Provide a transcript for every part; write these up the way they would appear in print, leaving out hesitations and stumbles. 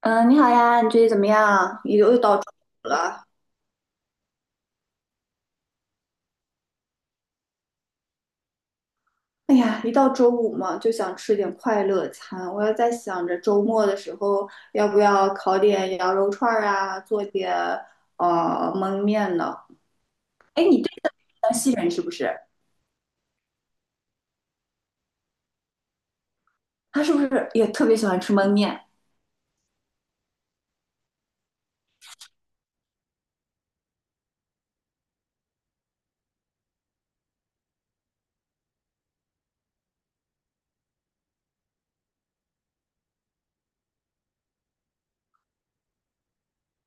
嗯，你好呀，你最近怎么样？又到周五了。哎呀，一到周五嘛，就想吃点快乐餐。我要在想着周末的时候，要不要烤点羊肉串儿啊，做点焖面呢？哎，你对山西人是不是？他是不是也特别喜欢吃焖面？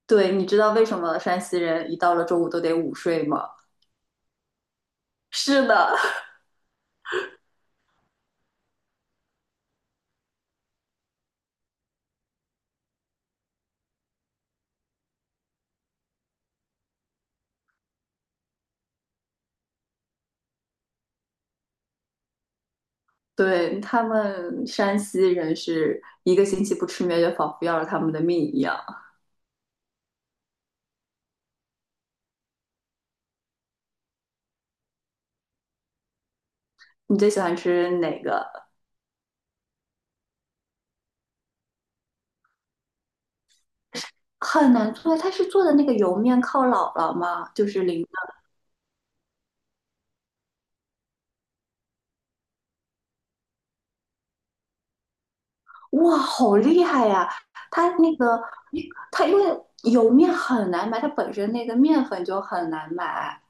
对，你知道为什么山西人一到了周五都得午睡吗？是的。对，他们山西人是一个星期不吃面，就仿佛要了他们的命一样。你最喜欢吃哪个？很难做的，他是做的那个油面靠姥姥吗？就是淋的。哇，好厉害呀！他那个，他因为油面很难买，他本身那个面粉就很难买。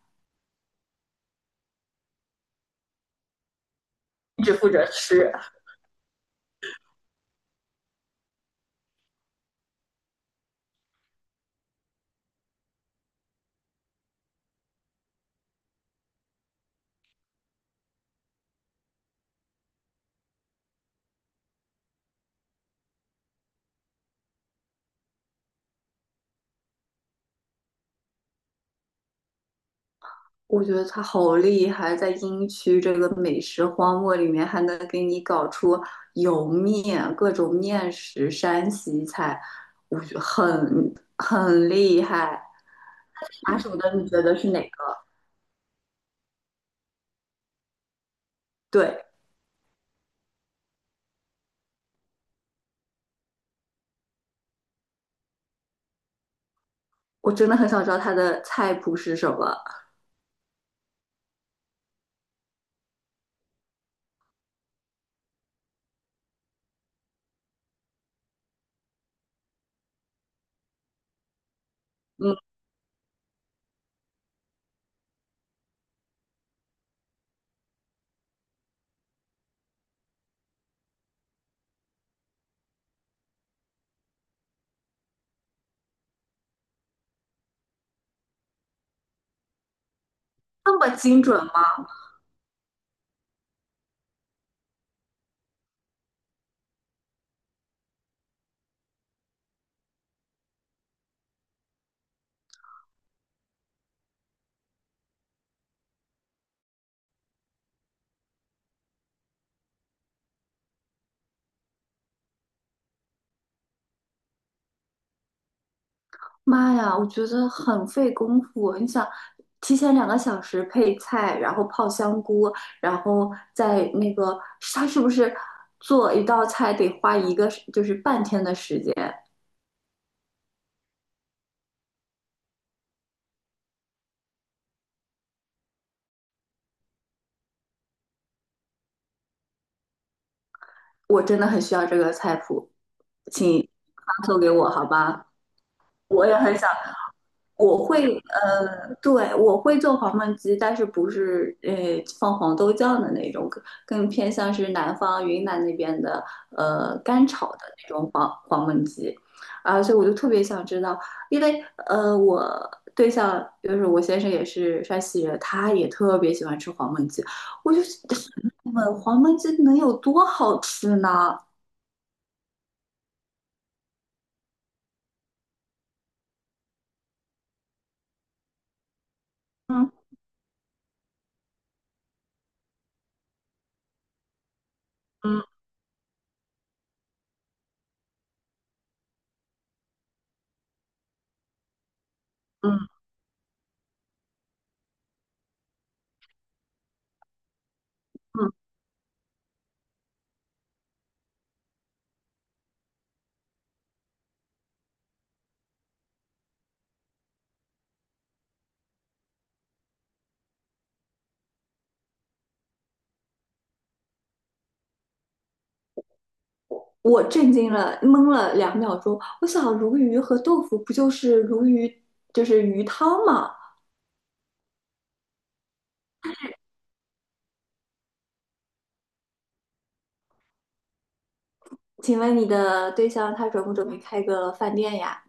只负责吃。我觉得他好厉害，在英区这个美食荒漠里面，还能给你搞出油面、各种面食、山西菜，我觉得很厉害。拿手的你觉得是哪个？对，我真的很想知道他的菜谱是什么。嗯，那么精准吗？妈呀，我觉得很费功夫。你想，提前2个小时配菜，然后泡香菇，然后再那个，他是不是做一道菜得花一个就是半天的时间？我真的很需要这个菜谱，请发送给我好吧？我也很想。我会对，我会做黄焖鸡，但是不是放黄豆酱的那种，更偏向是南方云南那边的干炒的那种黄焖鸡。啊，所以我就特别想知道，因为我对象就是我先生也是山西人，他也特别喜欢吃黄焖鸡，我就问黄焖鸡能有多好吃呢？嗯嗯嗯嗯我震惊了，懵了2秒钟。我想，鲈鱼和豆腐不就是鲈鱼，就是鱼汤吗？请问你的对象他准不准备开个饭店呀？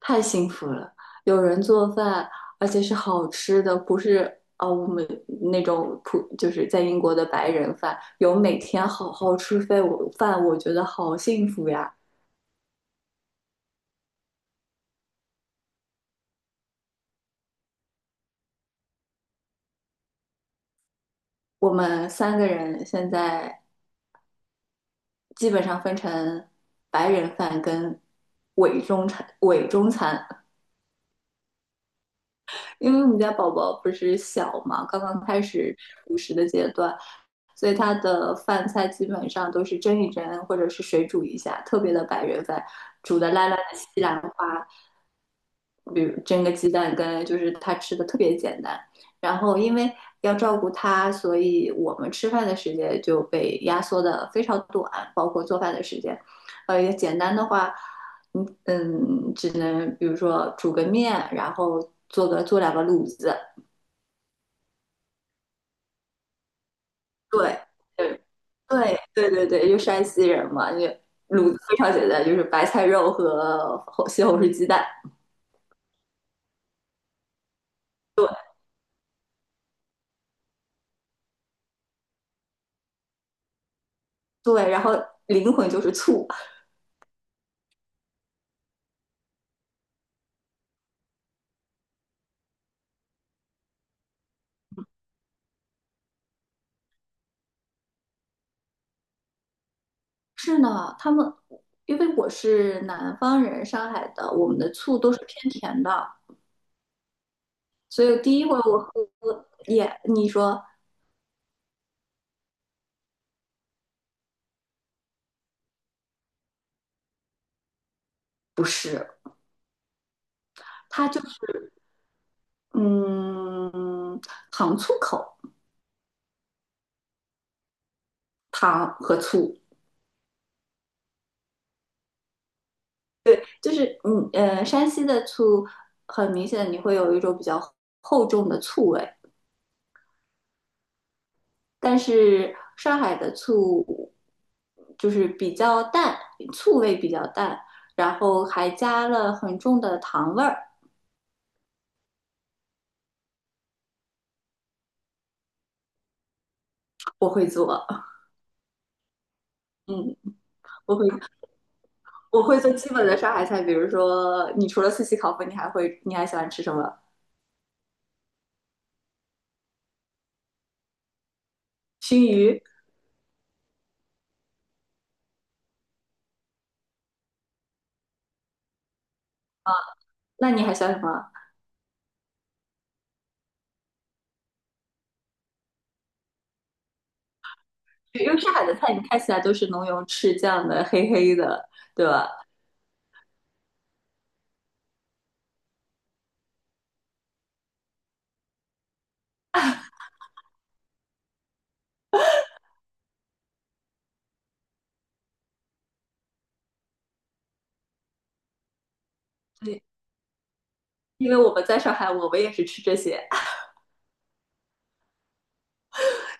太幸福了，有人做饭，而且是好吃的，不是啊，我们那种就是在英国的白人饭，有每天好好吃饭，我觉得好幸福呀。我们三个人现在基本上分成白人饭跟伪中餐。因为我们家宝宝不是小嘛，刚刚开始辅食的阶段，所以他的饭菜基本上都是蒸一蒸，或者是水煮一下，特别的白人饭，煮的烂烂的西兰花，比如蒸个鸡蛋羹，就是他吃的特别简单。然后因为要照顾他，所以我们吃饭的时间就被压缩的非常短，包括做饭的时间。简单的话，只能比如说煮个面，然后做两个卤子。对，对，对，对对对，就山西人嘛，就卤子非常简单，就是白菜肉和红西红柿鸡蛋。对对，然后灵魂就是醋。是呢，他们因为我是南方人，上海的，我们的醋都是偏甜的，所以第一回我喝也，你说不是，它就是嗯糖醋口。糖和醋，就是山西的醋很明显你会有一种比较厚重的醋味，但是上海的醋就是比较淡，醋味比较淡，然后还加了很重的糖味儿。我会做。嗯，我会做基本的上海菜，比如说你除了四喜烤鲱，你还喜欢吃什么？熏鱼？那你还喜欢什么？因为上海的菜你看起来都是浓油赤酱的，黑黑的。对，因为我们在上海，我们也是吃这些。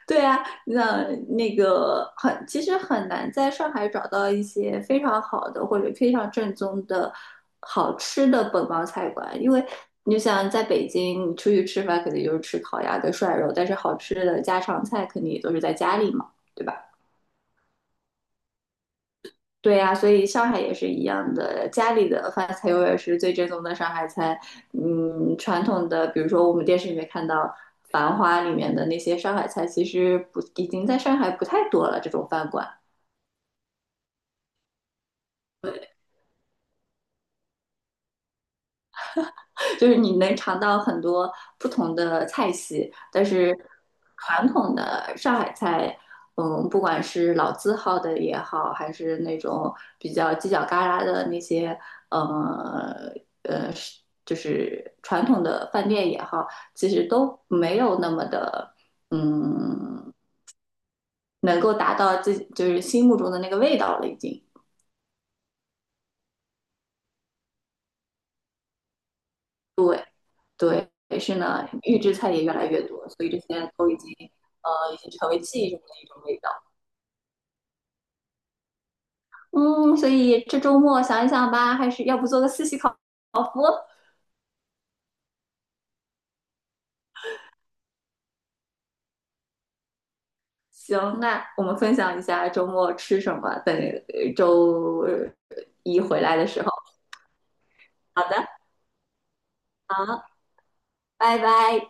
对啊，那个很，其实很难在上海找到一些非常好的或者非常正宗的好吃的本帮菜馆，因为你想在北京，你出去吃饭肯定就是吃烤鸭跟涮肉，但是好吃的家常菜肯定也都是在家里嘛，对吧？对呀，所以上海也是一样的，家里的饭菜永远是最正宗的上海菜。嗯，传统的，比如说我们电视里面看到《繁花》里面的那些上海菜，其实不，已经在上海不太多了，这种饭馆。就是你能尝到很多不同的菜系，但是传统的上海菜，嗯，不管是老字号的也好，还是那种比较犄角旮旯的那些，呃呃，是就是传统的饭店也好，其实都没有那么的，嗯，能够达到自己就是心目中的那个味道了，已经。对，但是呢，预制菜也越来越多，所以这些都已经，已经成为记忆中的一种味道。嗯，所以这周末想一想吧，还是要不做个四喜烤麸？行，那我们分享一下周末吃什么，等周一回来的时候。好的，拜拜。